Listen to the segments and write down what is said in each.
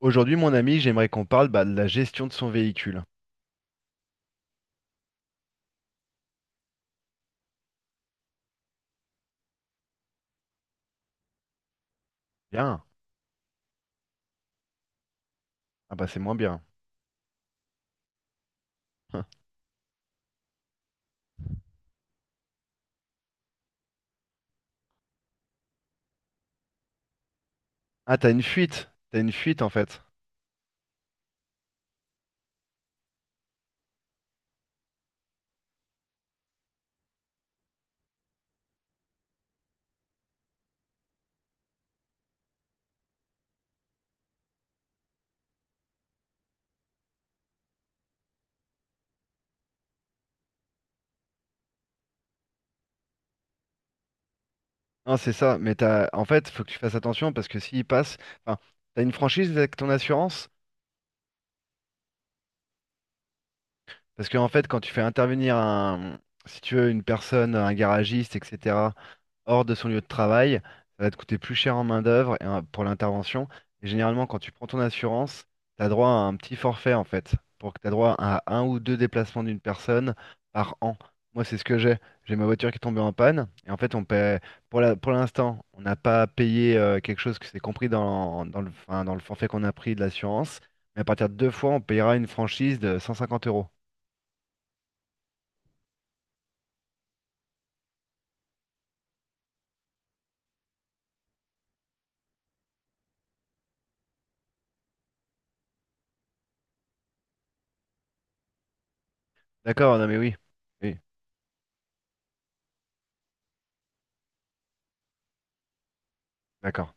Aujourd'hui, mon ami, j'aimerais qu'on parle bah, de la gestion de son véhicule. Bien. Ah bah c'est moins bien. Ah, t'as une fuite. T'as une fuite en fait. Non, c'est ça. Mais en fait, faut que tu fasses attention parce que s'il passe, enfin, t'as une franchise avec ton assurance. Parce que en fait, quand tu fais intervenir si tu veux, une personne, un garagiste, etc. hors de son lieu de travail. Ça va te coûter plus cher en main-d'œuvre et pour l'intervention. Et généralement, quand tu prends ton assurance, tu as droit à un petit forfait en fait, pour que tu as droit à un ou deux déplacements d'une personne par an. Moi, c'est ce que j'ai. J'ai ma voiture qui est tombée en panne. Et en fait, on paie, pour l'instant, on n'a pas payé quelque chose que c'est compris dans le, enfin, dans le forfait qu'on a pris de l'assurance. Mais à partir de deux fois, on payera une franchise de 150 euros. D'accord, non mais oui. Oui, d'accord.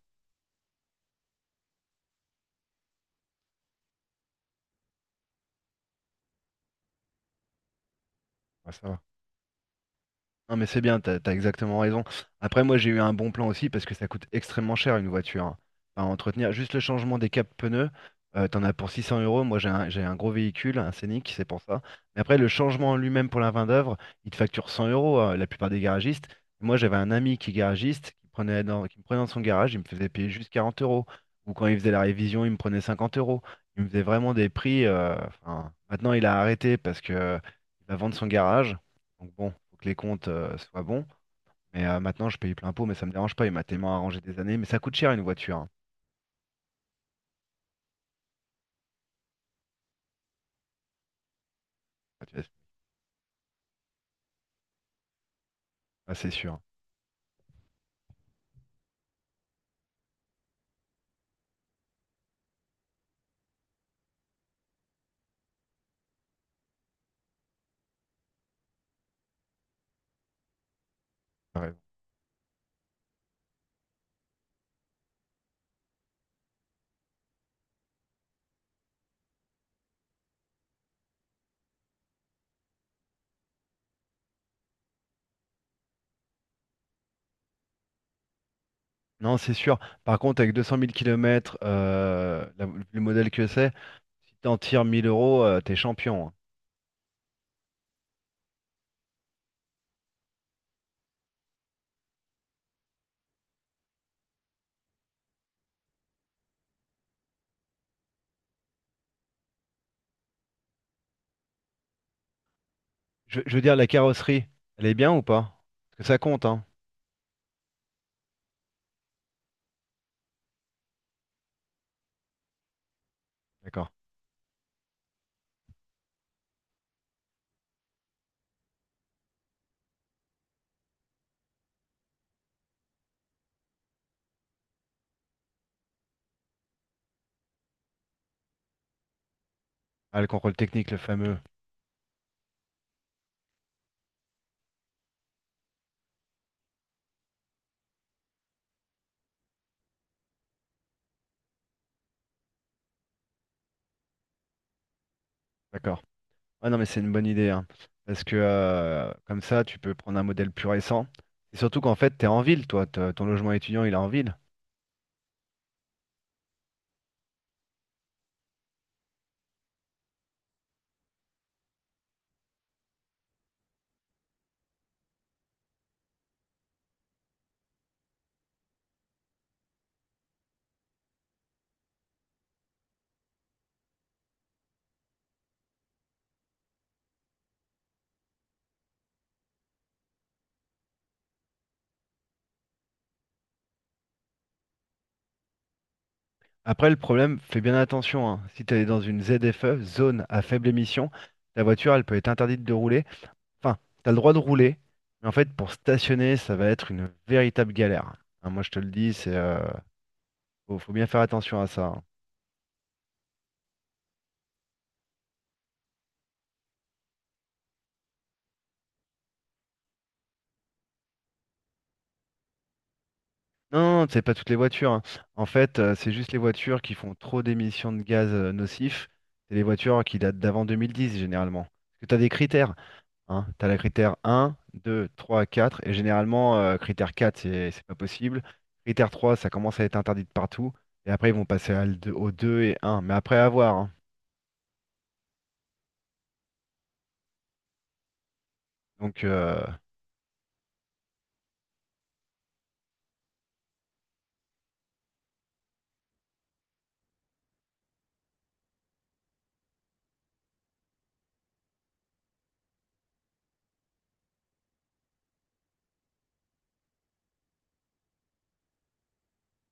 Ouais, ça va. Non, mais c'est bien, t'as exactement raison. Après, moi, j'ai eu un bon plan aussi parce que ça coûte extrêmement cher une voiture, hein. Enfin, entretenir juste le changement des capes pneus, t'en as pour 600 euros. Moi, j'ai un gros véhicule, un Scénic, c'est pour ça. Mais après, le changement en lui-même pour la main d'œuvre, il te facture 100 euros, hein, la plupart des garagistes. Moi, j'avais un ami qui est garagiste, qui me prenait dans son garage, il me faisait payer juste 40 euros. Ou quand il faisait la révision, il me prenait 50 euros. Il me faisait vraiment des prix. Enfin, maintenant, il a arrêté parce que il va vendre son garage. Donc bon, faut que les comptes soient bons. Mais maintenant, je paye plein pot, mais ça me dérange pas. Il m'a tellement arrangé des années. Mais ça coûte cher une voiture, hein. Ah, tu- ah, c'est sûr, hein. T'as raison. Non, c'est sûr. Par contre, avec 200 000 km, le modèle que c'est, si t'en tires 1 000 euros, t'es champion, hein. Je veux dire, la carrosserie, elle est bien ou pas? Parce que ça compte, hein. D'accord. Ah, le contrôle technique, le fameux. D'accord. Ah non, mais c'est une bonne idée, hein. Parce que comme ça, tu peux prendre un modèle plus récent. Et surtout qu'en fait, t'es en ville, toi. Ton logement étudiant, il est en ville. Après, le problème, fais bien attention, hein. Si tu es dans une ZFE, zone à faible émission, ta voiture, elle peut être interdite de rouler. Enfin, tu as le droit de rouler, mais en fait, pour stationner, ça va être une véritable galère. Hein, moi, je te le dis, faut bien faire attention à ça, hein. Non, non, c'est pas toutes les voitures, hein. En fait, c'est juste les voitures qui font trop d'émissions de gaz nocifs. C'est les voitures qui datent d'avant 2010, généralement. Parce que tu as des critères. Hein. Tu as le critère 1, 2, 3, 4. Et généralement, critère 4 c'est pas possible. Critère 3 ça commence à être interdit de partout. Et après, ils vont passer au 2 et un. Mais après, à voir, hein. Donc,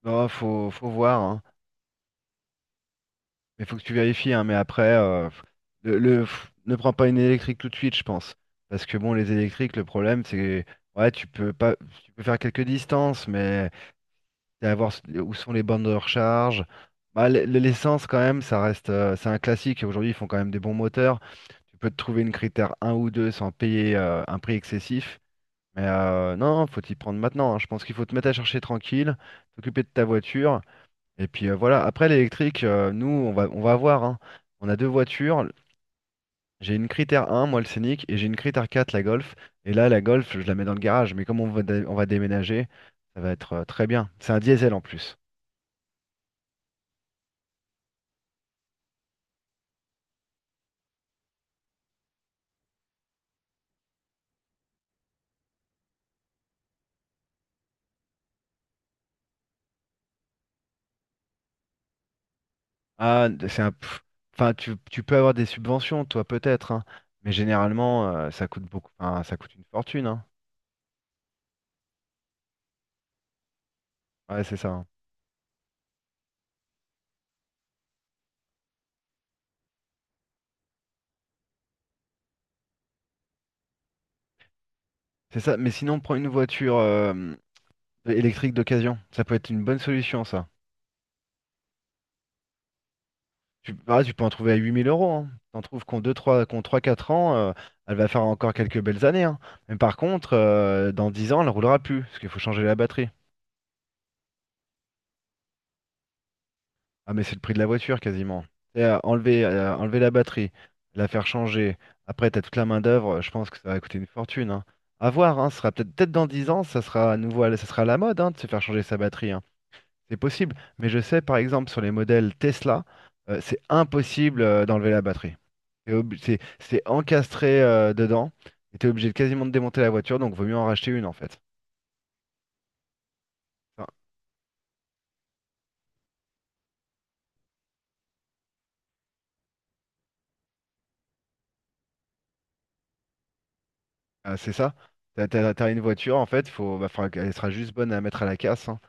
non, faut voir, hein. Mais faut que tu vérifies, hein. Mais après, ne prends pas une électrique tout de suite, je pense. Parce que bon, les électriques, le problème, c'est. Ouais, tu peux pas. Tu peux faire quelques distances, mais. D'aller voir où sont les bornes de recharge. Bah, l'essence, quand même, ça reste, c'est un classique. Aujourd'hui, ils font quand même des bons moteurs. Tu peux te trouver une critère un ou 2 sans payer un prix excessif. Mais non, faut t'y prendre maintenant, hein. Je pense qu'il faut te mettre à chercher tranquille, t'occuper de ta voiture. Et puis voilà, après l'électrique, nous, on va voir, hein. On a deux voitures. J'ai une critère un moi le Scénic, et j'ai une critère 4 la Golf. Et là, la Golf, je la mets dans le garage. Mais comme on va déménager, ça va être très bien. C'est un diesel en plus. Ah, c'est un, enfin, tu peux avoir des subventions, toi, peut-être, hein, mais généralement, ça coûte beaucoup, enfin, ça coûte une fortune, hein. Ouais, c'est ça, hein. C'est ça. Mais sinon, prends une voiture électrique d'occasion. Ça peut être une bonne solution, ça. Tu peux en trouver à 8 000 euros. Hein. T'en trouves qu'en 3, 4 ans, elle va faire encore quelques belles années, hein. Mais par contre, dans 10 ans, elle roulera plus, parce qu'il faut changer la batterie. Ah mais c'est le prix de la voiture quasiment. Et, enlever la batterie, la faire changer, après t'as toute la main-d'œuvre, je pense que ça va coûter une fortune. Hein. À voir, hein, ce sera peut-être dans 10 ans, ça sera à nouveau, ça sera à la mode hein, de se faire changer sa batterie, hein. C'est possible, mais je sais par exemple sur les modèles Tesla, c'est impossible d'enlever la batterie. C'est encastré dedans, et t'es obligé de quasiment de démonter la voiture, donc vaut mieux en racheter une en fait. Enfin, ah, c'est ça. T'as une voiture, en fait, bah, faudra qu'elle sera juste bonne à mettre à la casse, hein.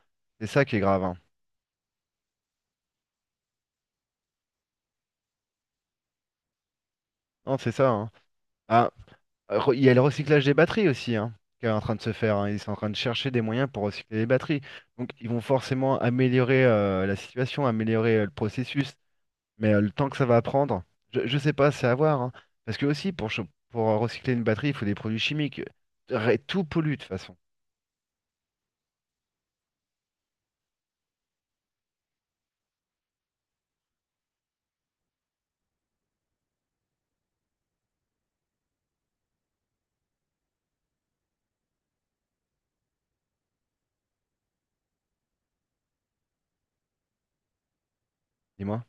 C'est ça qui est grave, hein. Non, c'est ça, hein. Ah, il y a le recyclage des batteries aussi, hein, qui est en train de se faire, hein. Ils sont en train de chercher des moyens pour recycler les batteries. Donc, ils vont forcément améliorer la situation, améliorer le processus. Mais le temps que ça va prendre, je sais pas, c'est à voir, hein. Parce que aussi, pour recycler une batterie, il faut des produits chimiques. Tout pollue de toute façon. Dis-moi.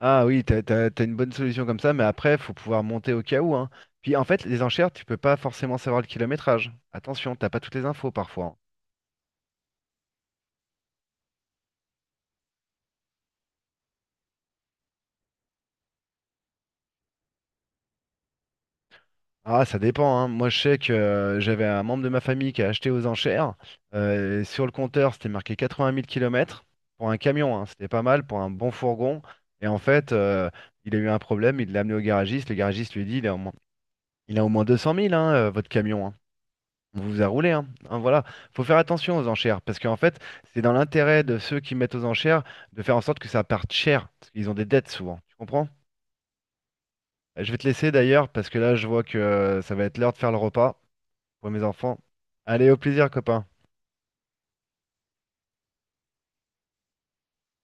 Ah oui, t'as une bonne solution comme ça, mais après, faut pouvoir monter au cas où, hein. Puis en fait, les enchères, tu peux pas forcément savoir le kilométrage. Attention, t'as pas toutes les infos parfois, hein. Ah, ça dépend, hein. Moi, je sais que j'avais un membre de ma famille qui a acheté aux enchères. Sur le compteur, c'était marqué 80 000 kilomètres pour un camion, hein. C'était pas mal pour un bon fourgon. Et en fait, il a eu un problème, il l'a amené au garagiste. Le garagiste lui a dit, il a au moins 200 000, hein, votre camion, hein. Vous vous a roulé, hein. Hein, voilà, faut faire attention aux enchères parce qu'en fait, c'est dans l'intérêt de ceux qui mettent aux enchères de faire en sorte que ça parte cher parce qu'ils ont des dettes souvent. Tu comprends? Je vais te laisser d'ailleurs parce que là, je vois que ça va être l'heure de faire le repas pour mes enfants. Allez, au plaisir, copain.